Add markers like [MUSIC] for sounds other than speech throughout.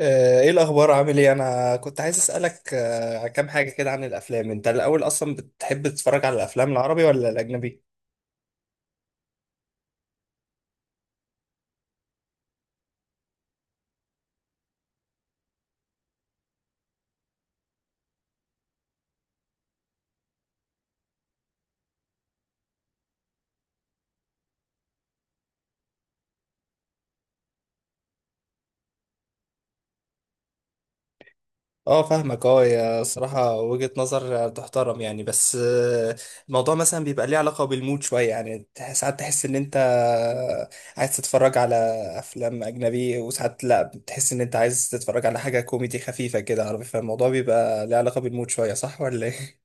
ايه الاخبار، عامل ايه؟ انا كنت عايز اسالك كام حاجه كده عن الافلام. انت الاول اصلا بتحب تتفرج على الافلام العربي ولا الاجنبي؟ اه، فاهمك. اه، يا صراحه وجهه نظر تحترم يعني. بس الموضوع مثلا بيبقى ليه علاقه بالمود شويه يعني. ساعات تحس ان انت عايز تتفرج على افلام اجنبي، وساعات لا، بتحس ان انت عايز تتفرج على حاجه كوميدي خفيفه كده عربي. فالموضوع بيبقى ليه علاقه بالمود شويه، صح ولا ايه؟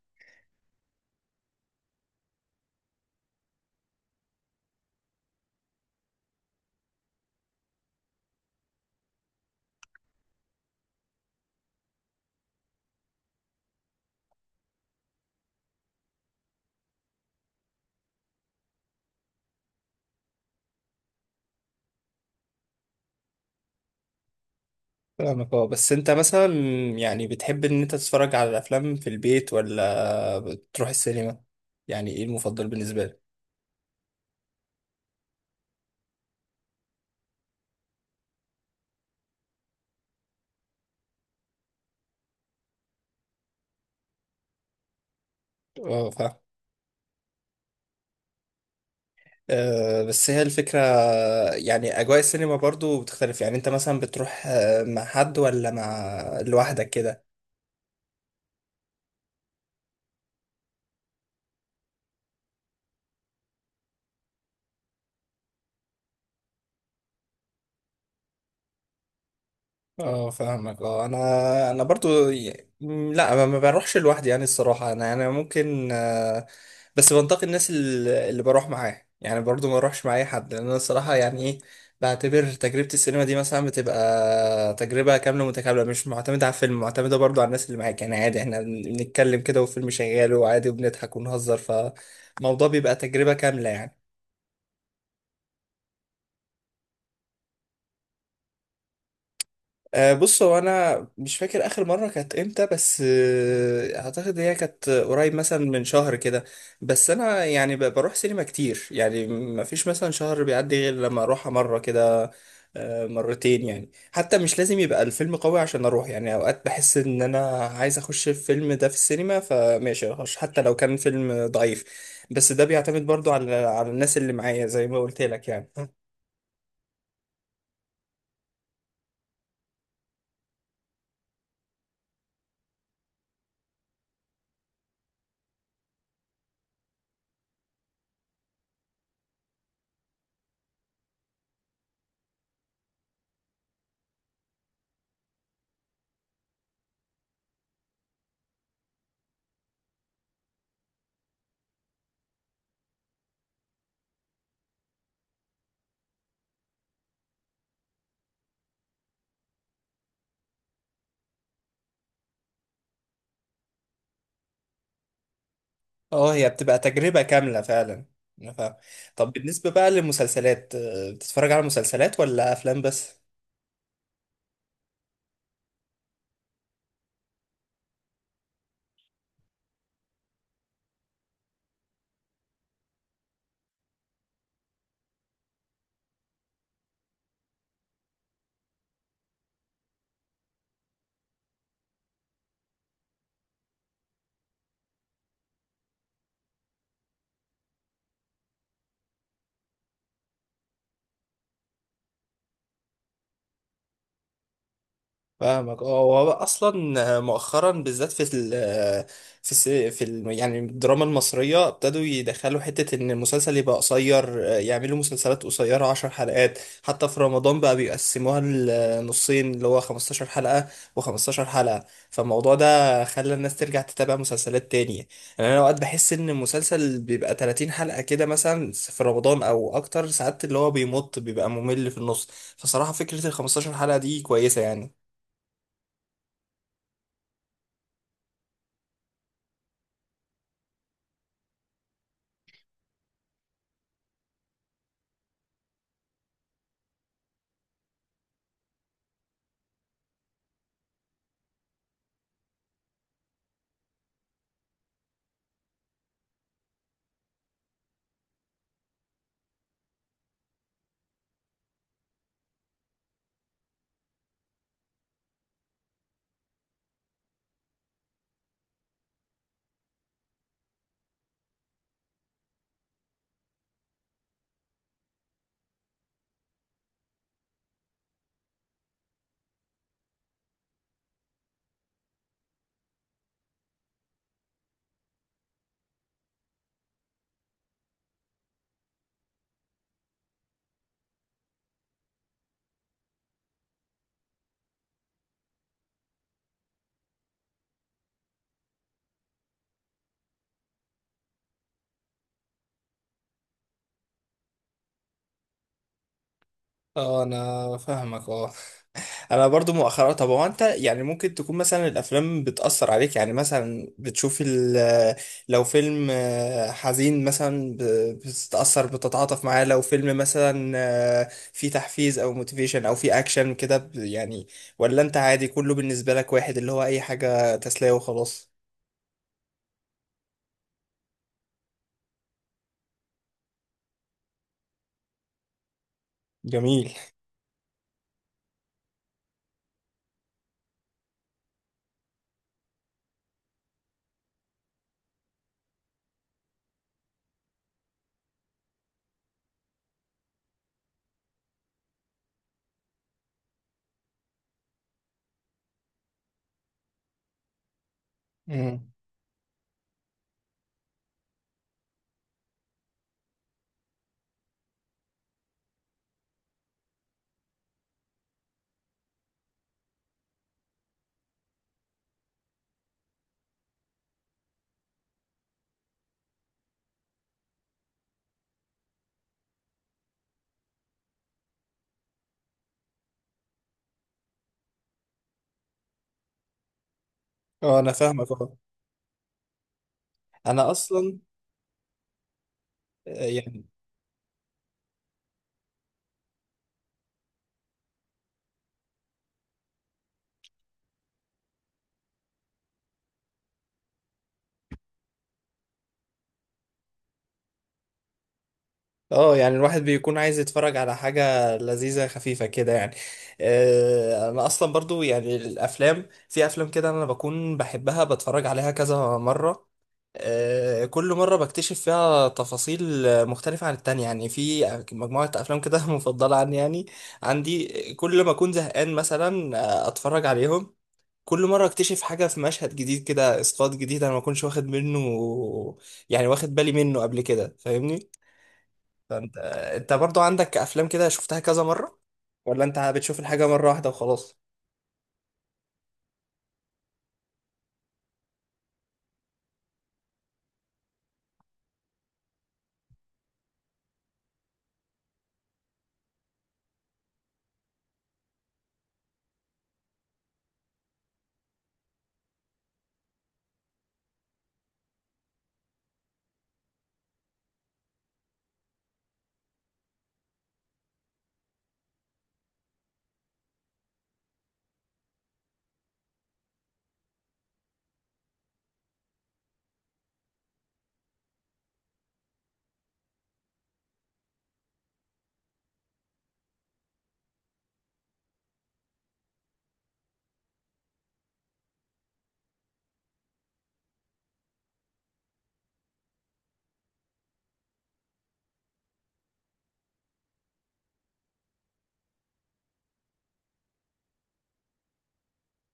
فاهمك. اه، بس انت مثلا يعني بتحب ان انت تتفرج على الافلام في البيت ولا بتروح السينما؟ يعني ايه المفضل بالنسبه لك؟ اه، فاهم. بس هي الفكره. يعني اجواء السينما برضو بتختلف. يعني انت مثلا بتروح مع حد ولا مع لوحدك كده؟ اه، فاهمك. اه، انا برضو لا، ما بروحش لوحدي. يعني الصراحه انا ممكن بس بنتقي الناس اللي بروح معاه. يعني برضو ما اروحش مع اي حد. لان انا الصراحه يعني ايه، بعتبر تجربه السينما دي مثلا بتبقى تجربه كامله متكامله، مش معتمده على الفيلم، معتمده برضو على الناس اللي معاك. يعني عادي احنا بنتكلم كده والفيلم شغال، وعادي وبنضحك ونهزر. فالموضوع بيبقى تجربه كامله يعني. بص، هو انا مش فاكر اخر مره كانت امتى. بس اعتقد هي كانت قريب مثلا من شهر كده. بس انا يعني بروح سينما كتير. يعني ما فيش مثلا شهر بيعدي غير لما اروحها مره كده، مرتين. يعني حتى مش لازم يبقى الفيلم قوي عشان اروح. يعني اوقات بحس ان انا عايز اخش الفيلم ده في السينما، فماشي اخش حتى لو كان فيلم ضعيف. بس ده بيعتمد برضو على الناس اللي معايا زي ما قلت لك يعني. اه، هي بتبقى تجربة كاملة فعلا. أنا فاهم. طب بالنسبة بقى للمسلسلات، بتتفرج على مسلسلات ولا أفلام بس؟ فاهمك. اه، هو اصلا مؤخرا بالذات في ال في الس- في ال يعني الدراما المصريه ابتدوا يدخلوا حته ان المسلسل يبقى قصير، يعملوا مسلسلات قصيره 10 حلقات. حتى في رمضان بقى بيقسموها لنصين، اللي هو 15 حلقه و15 حلقه. فالموضوع ده خلى الناس ترجع تتابع مسلسلات تانية. يعني انا اوقات بحس ان المسلسل بيبقى 30 حلقه كده مثلا في رمضان او اكتر. ساعات اللي هو بيمط بيبقى ممل في النص. فصراحه فكره ال 15 حلقه دي كويسه يعني. اه، انا فاهمك. اه، انا برضو مؤخرا. طب هو انت يعني ممكن تكون مثلا الافلام بتأثر عليك؟ يعني مثلا بتشوف لو فيلم حزين مثلا بتتأثر، بتتعاطف معاه. لو فيلم مثلا فيه تحفيز او موتيفيشن، او فيه اكشن كده يعني. ولا انت عادي، كله بالنسبة لك واحد، اللي هو اي حاجة تسلية وخلاص؟ جميل. امم اه، انا فاهمك. اه، انا اصلا يعني. اه، يعني الواحد بيكون عايز يتفرج على حاجة لذيذة خفيفة كده يعني. انا اصلا برضو يعني الافلام، في افلام كده انا بكون بحبها، بتفرج عليها كذا مرة. كل مرة بكتشف فيها تفاصيل مختلفة عن التانية. يعني في مجموعة أفلام كده [LAUGHS] مفضلة عني يعني، عندي. كل ما أكون زهقان مثلا أتفرج عليهم. كل مرة أكتشف حاجة في مشهد جديد، كده إسقاط جديد أنا ما كنتش واخد منه، يعني واخد بالي منه قبل كده. فاهمني؟ فانت، انت برضو عندك افلام كده شفتها كذا مره ولا انت بتشوف الحاجه مره واحده وخلاص؟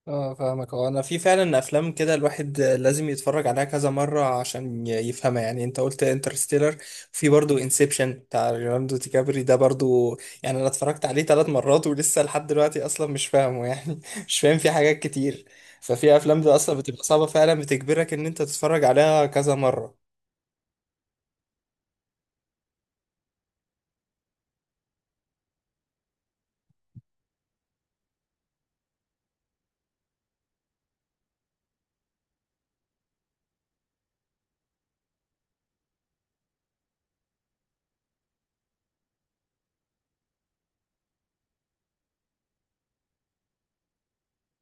اه، فاهمك. هو انا في فعلا افلام كده الواحد لازم يتفرج عليها كذا مره عشان يفهمها. يعني انت قلت انترستيلر، في برضو انسبشن بتاع ليوناردو دي كابري، ده برضو يعني انا اتفرجت عليه 3 مرات ولسه لحد دلوقتي اصلا مش فاهمه، يعني [LAUGHS] مش فاهم فيه حاجات كتير. ففي افلام ده اصلا بتبقى صعبه فعلا، بتجبرك ان انت تتفرج عليها كذا مره.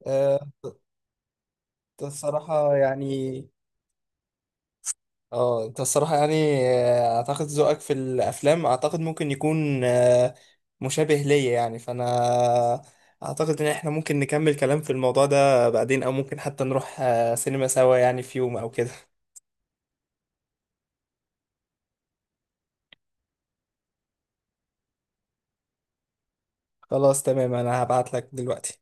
أه، الصراحه يعني. اه، انت الصراحة يعني اعتقد ذوقك في الافلام، اعتقد ممكن يكون مشابه ليا. يعني فانا اعتقد ان احنا ممكن نكمل كلام في الموضوع ده بعدين، او ممكن حتى نروح سينما سوا يعني في يوم او كده. خلاص، تمام. انا هبعت لك دلوقتي.